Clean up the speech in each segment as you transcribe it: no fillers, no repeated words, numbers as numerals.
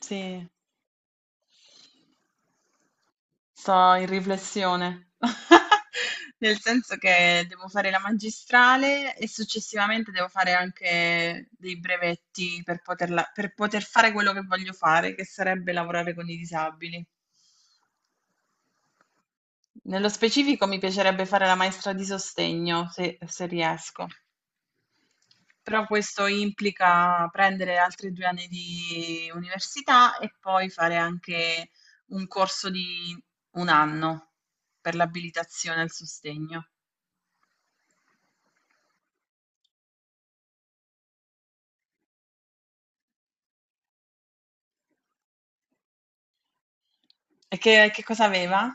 Sì, sto in riflessione, nel senso che devo fare la magistrale e successivamente devo fare anche dei brevetti per per poter fare quello che voglio fare, che sarebbe lavorare con i disabili. Nello specifico mi piacerebbe fare la maestra di sostegno, se riesco. Però questo implica prendere altri 2 anni di università e poi fare anche un corso di 1 anno per l'abilitazione al sostegno. E che cosa aveva?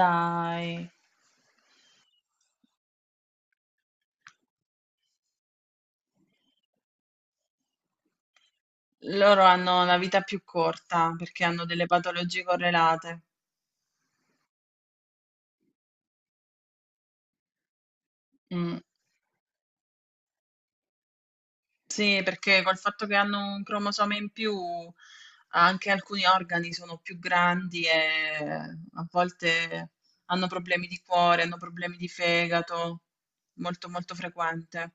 Dai, loro hanno la vita più corta perché hanno delle patologie correlate. Mh. Sì, perché col fatto che hanno un cromosoma in più, anche alcuni organi sono più grandi e eh, a volte hanno problemi di cuore, hanno problemi di fegato, molto molto frequente.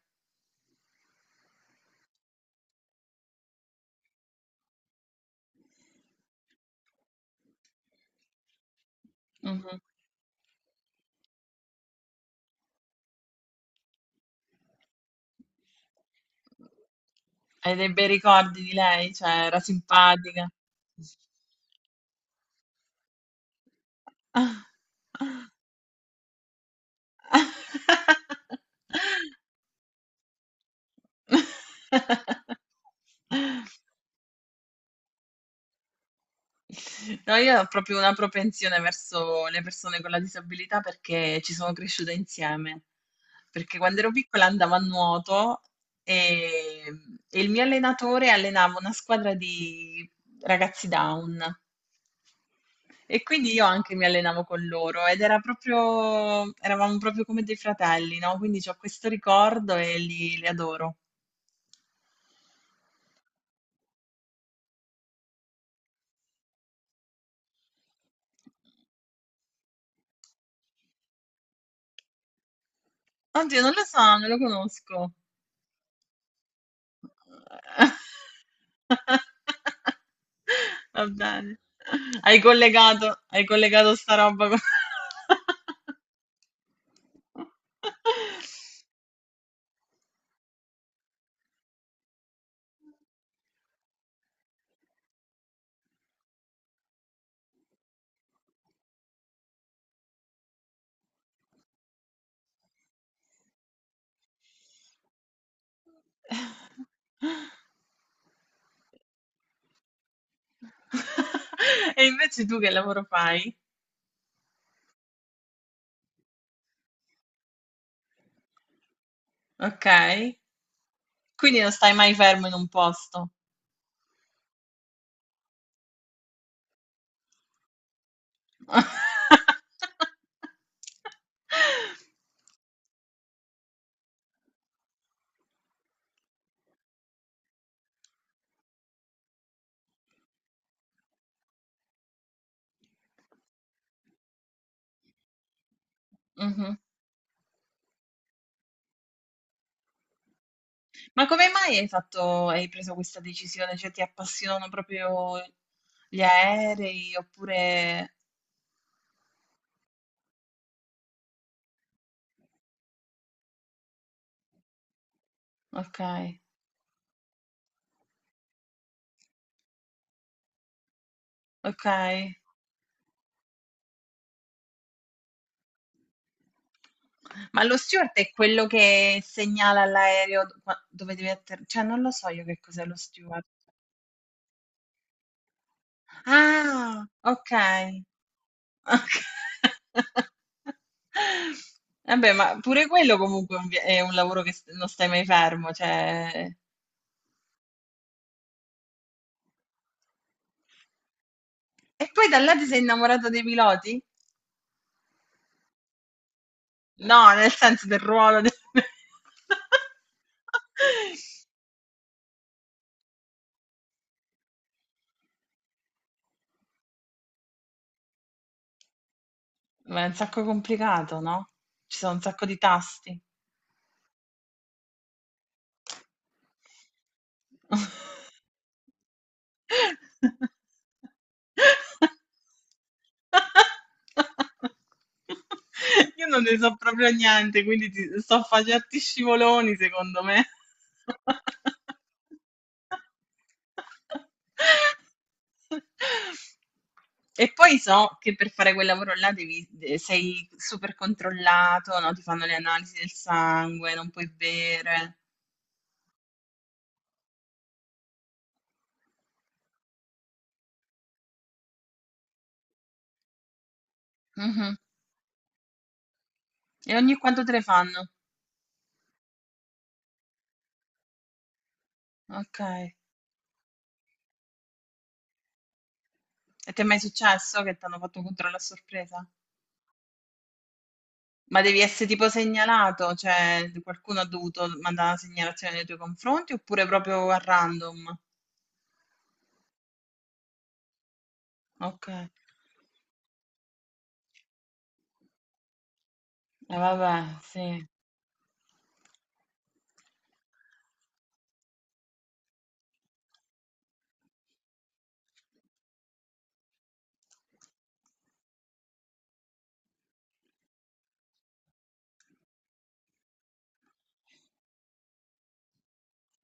Mhm. Hai dei bei ricordi di lei? Cioè, era simpatica. No, io ho proprio una propensione verso le persone con la disabilità perché ci sono cresciuta insieme. Perché quando ero piccola andavo a nuoto e, e il mio allenatore allenava una squadra di ragazzi down e quindi io anche mi allenavo con loro ed era proprio, eravamo proprio come dei fratelli, no? Quindi ho questo ricordo e li adoro. Oddio, non lo so, non lo conosco. Va bene. Hai collegato sta roba con... E invece tu che lavoro fai? Ok? Quindi non stai mai fermo in un posto. Mhm. Ma come mai hai fatto, hai preso questa decisione? Cioè, ti appassionano proprio gli aerei oppure... Ok, ok. Ma lo steward è quello che segnala all'aereo dove devi atterrare? Cioè, non lo so io che cos'è lo steward. Ah, ok. Ok. Vabbè, ma pure quello comunque è un è un lavoro che s- non stai mai fermo, cioè... E poi da là ti sei innamorato dei piloti? No, nel senso del ruolo del... Ma è un sacco complicato, no? Ci sono un sacco di tasti. Io non ne so proprio niente, quindi ti sto a fa' certi scivoloni, secondo me. E poi so che per fare quel lavoro là devi, sei super controllato, no? Ti fanno le analisi del sangue, non puoi bere. Mhm. E ogni quanto te le fanno? Ok. E ti è mai successo che ti hanno fatto un controllo a sorpresa? Ma devi essere tipo segnalato, cioè qualcuno ha dovuto mandare una segnalazione nei tuoi confronti oppure proprio a random? Ok, e vabbè, sì.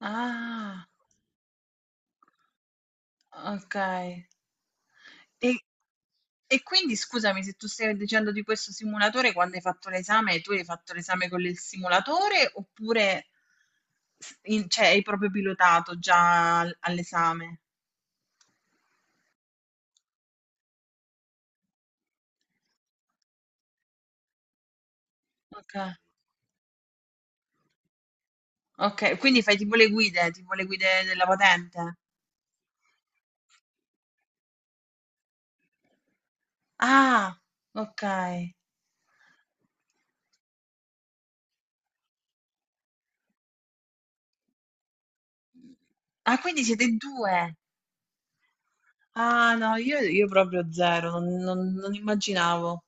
Ah, ok. E, e quindi scusami se tu stai dicendo di questo simulatore, quando hai fatto l'esame, tu hai fatto l'esame con il simulatore oppure cioè, hai proprio pilotato già all'esame? Ok. Okay, quindi fai tipo le guide della patente? Ah, okay. Ah, quindi siete in 2. Ah no, io proprio 0, non immaginavo.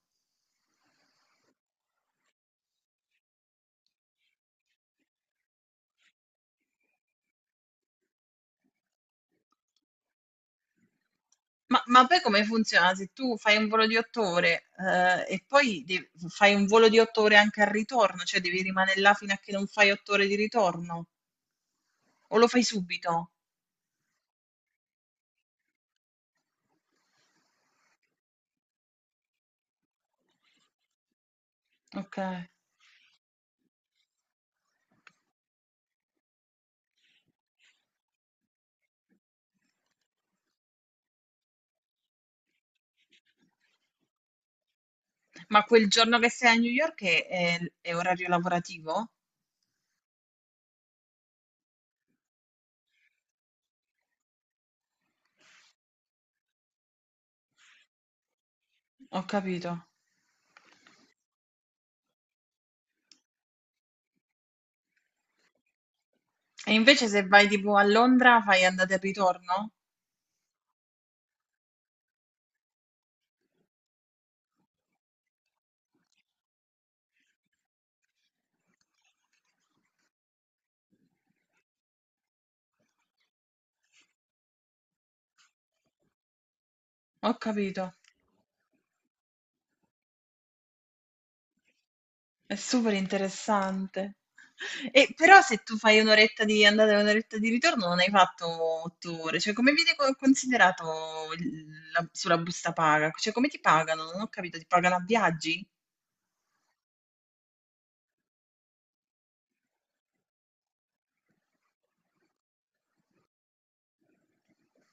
Ma poi come funziona? Se tu fai un volo di 8 ore, e poi de fai un volo di 8 ore anche al ritorno, cioè devi rimanere là fino a che non fai 8 ore di ritorno? O lo fai subito? Okay. Ma quel giorno che sei a New York è orario lavorativo? Ho capito. E invece se vai tipo a Londra fai andata e ritorno? Ho capito, è super interessante. E però se tu fai un'oretta di andata e un'oretta di ritorno non hai fatto 8 ore, cioè come viene considerato sulla busta paga? Cioè come ti pagano? Non ho capito, ti pagano a viaggi?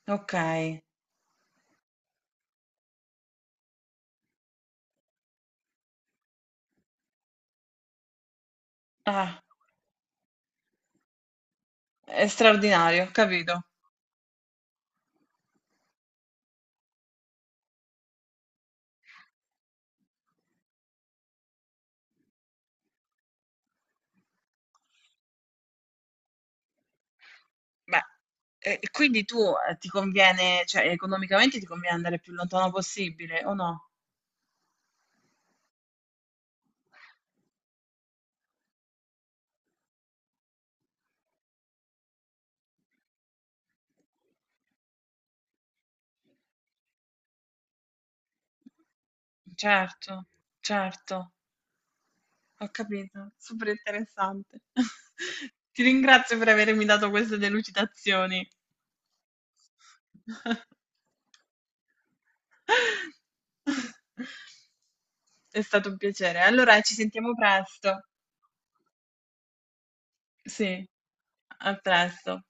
Ok, ah, è straordinario, ho capito. Beh, e quindi tu ti conviene, cioè economicamente ti conviene andare il più lontano possibile, o no? Certo, certo. Ho capito, super interessante. Ti ringrazio per avermi dato queste delucidazioni. È stato un piacere. Allora, ci sentiamo presto. Sì, a presto.